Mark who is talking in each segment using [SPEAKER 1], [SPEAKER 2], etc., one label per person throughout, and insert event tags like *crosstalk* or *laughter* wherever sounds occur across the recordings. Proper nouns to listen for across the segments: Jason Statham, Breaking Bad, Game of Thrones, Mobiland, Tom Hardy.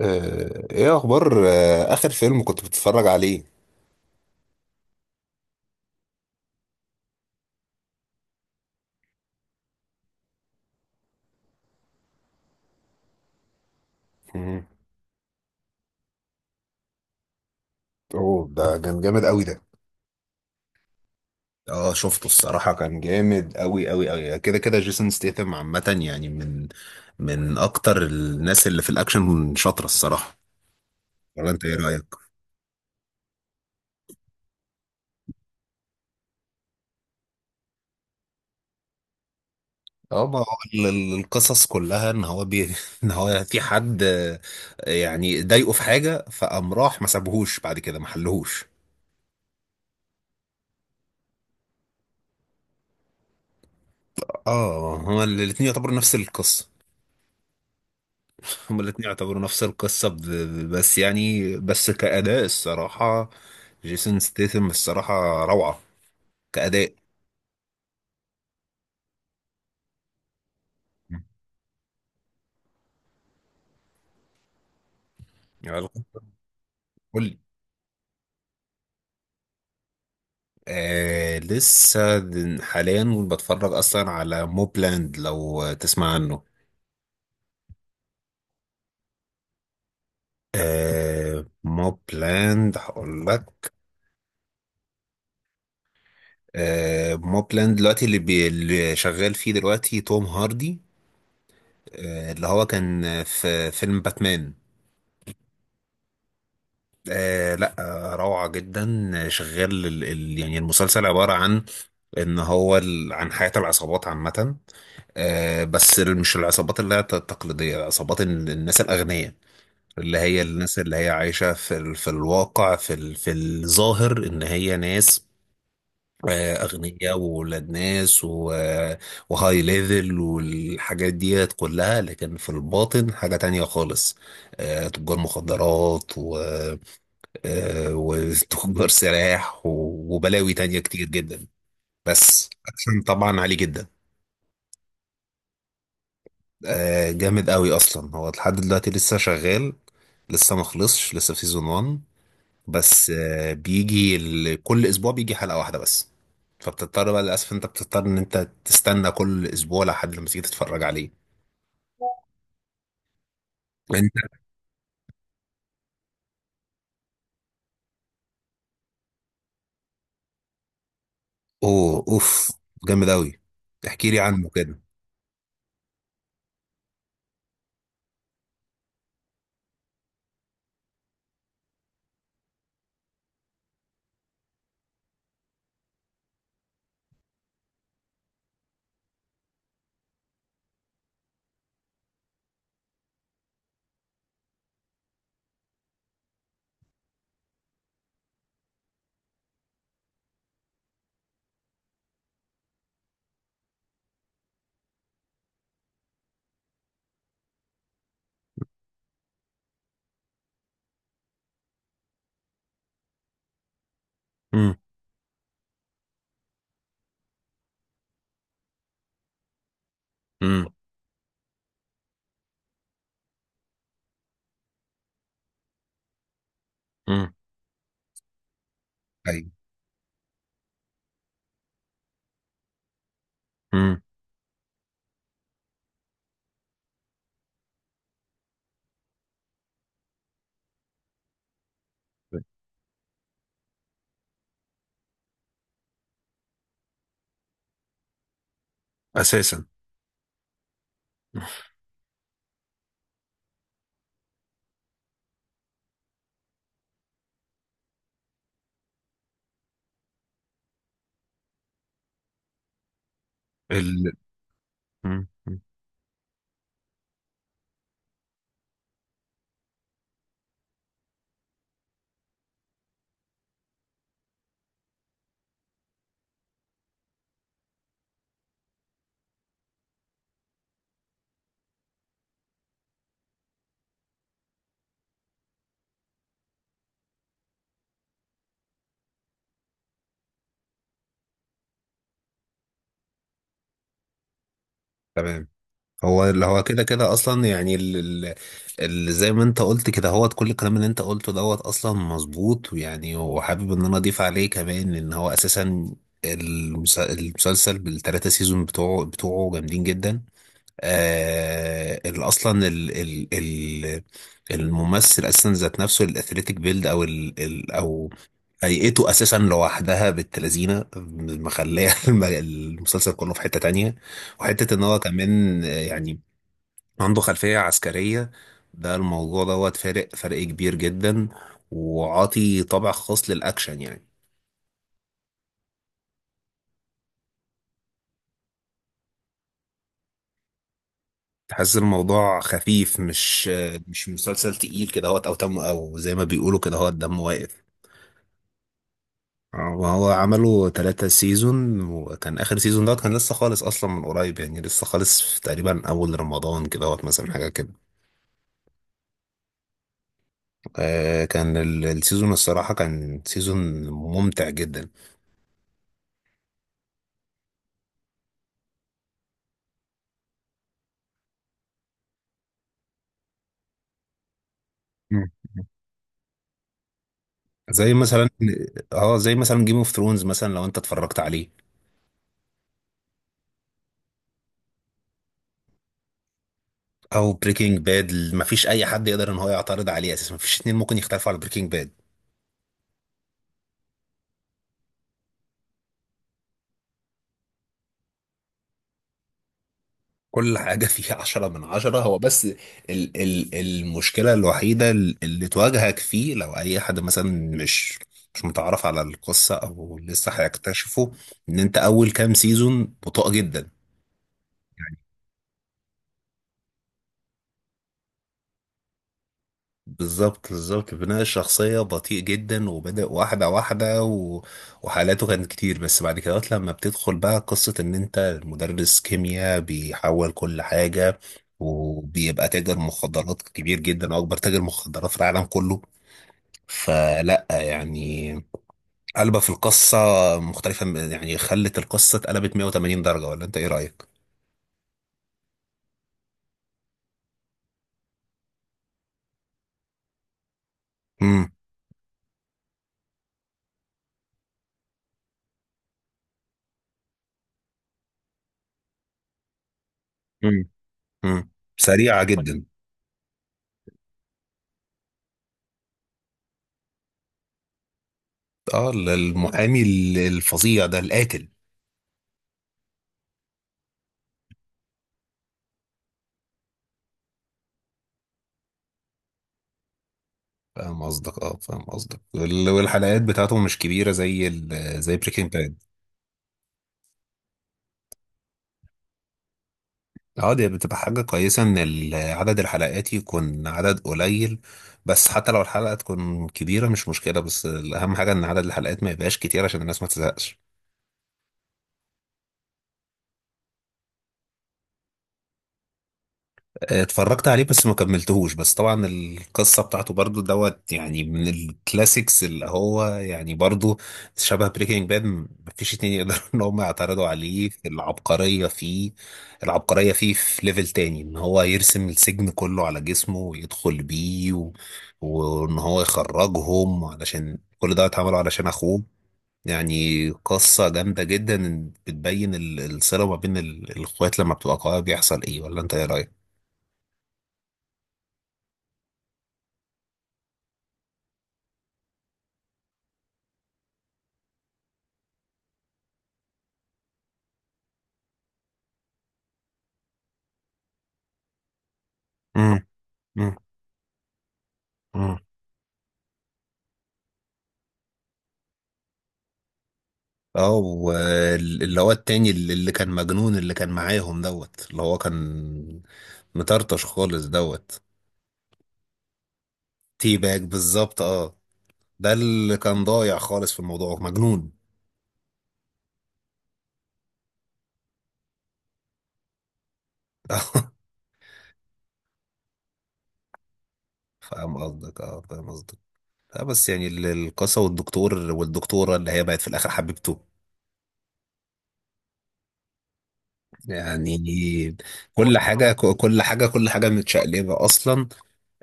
[SPEAKER 1] ايه اخبار؟ اخر فيلم كنت بتتفرج عليه؟ مم. اوه ده كان جامد قوي ده. اه شفته، الصراحة كان جامد قوي قوي قوي كده. جيسون ستيثم عامة يعني من اكتر الناس اللي في الاكشن شاطرة الصراحة. ولا انت ايه رأيك؟ اه، ما هو القصص كلها ان هو *laughs* ان هو في حد، يعني ضايقه في حاجة، فقام راح ما سابهوش، بعد كده ما حلهوش. اه، هو الاتنين يعتبروا نفس القصة. هما الاتنين يعتبروا نفس القصة، بس كأداء الصراحة جيسون ستيثم الصراحة روعة كأداء. يعني قول لي. آه، لسه حاليا بتفرج أصلا على موبلاند، لو تسمع عنه. آه، موبلاند هقول لك. آه، موبلاند دلوقتي اللي شغال فيه دلوقتي توم هاردي، آه اللي هو كان في فيلم باتمان. آه لا. آه، روعة جدا. آه، شغال ال ال يعني المسلسل عبارة عن ان هو عن حياة العصابات عامة. آه بس مش العصابات اللي هي التقليدية، عصابات الناس الأغنياء، اللي هي الناس اللي هي عايشة في في الواقع، في في الظاهر ان هي ناس، آه، أغنياء وولاد ناس وهاي ليفل والحاجات ديت كلها، لكن في الباطن حاجة تانية خالص. آه، تجار مخدرات، آه، وتجار سلاح وبلاوي تانية كتير جدا. بس اكشن طبعا عالي جدا. آه، جامد قوي. اصلا هو لحد دلوقتي لسه شغال، لسه ما خلصش، لسه في سيزون 1. بس آه، بيجي كل اسبوع بيجي حلقة واحدة بس. فبتضطر بقى للاسف، انت بتضطر ان انت تستنى كل اسبوع لحد لما تيجي تتفرج عليه. انت. اوه، اوف، جامد قوي. احكي لي عنه كده. امم. امم. امم. ايوه. امم. اساسا. ال... مم. تمام. هو اللي هو كده كده اصلا، يعني اللي زي ما انت قلت كده، هو كل الكلام اللي انت قلته دوت اصلا مظبوط، ويعني وحابب ان انا اضيف عليه كمان ان هو اساسا المسلسل بالثلاثه سيزون بتوعه بتوعه جامدين جدا. آه ال- اصلا ال ال ال الممثل اساسا ذات نفسه، الاثليتيك بيلد او ال ال او هيئته اساسا لوحدها بالتلازينه مخليه *laughs* المسلسل كله في حته تانية. وحته ان هو كمان آه، يعني عنده خلفيه عسكريه، ده الموضوع دوت فارق فرق كبير جدا، وعاطي طابع خاص للاكشن يعني. تحس الموضوع خفيف، مش آه، مش مسلسل تقيل كده، هوت او تم، او زي ما بيقولوا كده، هوت دم واقف. آه، وهو عملوا ثلاثة سيزون، وكان آخر سيزون دوت كان لسه خالص أصلا، من قريب يعني، لسه خالص في تقريبا أول رمضان كده، وقت مثلا حاجة كده. آه، كان السيزون الصراحة كان سيزون ممتع جدا. مم. زي مثلا. اه زي مثلا جيم اوف ثرونز مثلا، لو انت اتفرجت عليه. او بريكنج باد، مفيش اي حد يقدر ان هو يعترض عليه اساسا، مفيش اتنين ممكن يختلفوا على بريكنج باد. كل حاجة فيها عشرة من عشرة. هو بس ال ال المشكلة الوحيدة اللي تواجهك فيه، لو أي حد مثلا مش مش متعرف على القصة أو لسه هيكتشفه، إن أنت أول كام سيزون بطيء جدا. بالظبط، بالظبط، بناء الشخصية بطيء جدا، وبدأ واحدة واحدة و... وحالاته كانت كتير. بس بعد كده لما بتدخل بقى قصة إن أنت مدرس كيمياء بيحول كل حاجة، وبيبقى تاجر مخدرات كبير جدا، أكبر تاجر مخدرات في العالم كله. فلا يعني قلبة في القصة مختلفة، يعني خلت القصة اتقلبت 180 درجة. ولا أنت إيه رأيك؟ امم. مم. امم. سريعة جدا. اه، المحامي الفظيع ده القاتل. فاهم قصدك، اه فاهم قصدك. والحلقات بتاعته مش كبيرة زي زي بريكنج باد. اه دي بتبقى حاجة كويسة ان عدد الحلقات يكون عدد قليل. بس حتى لو الحلقة تكون كبيرة مش مشكلة، بس الأهم حاجة ان عدد الحلقات ما يبقاش كتير عشان الناس ما تزهقش. اتفرجت عليه بس ما كملتهوش. بس طبعا القصة بتاعته برضو دوت يعني من الكلاسيكس، اللي هو يعني برضو شبه بريكنج باد. مفيش اتنين يقدروا *laughs* ان هم يعترضوا عليه في العبقرية فيه. العبقرية فيه في ليفل تاني، ان هو يرسم السجن كله على جسمه ويدخل بيه و... وان هو يخرجهم، علشان كل ده اتعمله علشان اخوه. يعني قصة جامدة جدا، بتبين الصلة ما بين الاخوات لما بتبقى قوية بيحصل ايه. ولا انت ايه رأيك؟ مم. مم. اه واللي هو التاني اللي كان مجنون، اللي كان معاهم دوت، اللي هو كان مطرطش خالص دوت. تي باك بالظبط، اه، ده اللي كان ضايع خالص في الموضوع، مجنون. *laughs* فاهم قصدك، اه فاهم قصدك. اه بس يعني القصة، والدكتور والدكتورة اللي هي بقت في الآخر حبيبته يعني. هو كل حاجة، كل حاجة متشقلبة أصلا.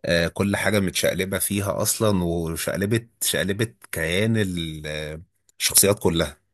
[SPEAKER 1] آه، كل حاجة متشقلبة فيها أصلا، وشقلبت، شقلبت كيان الشخصيات كلها.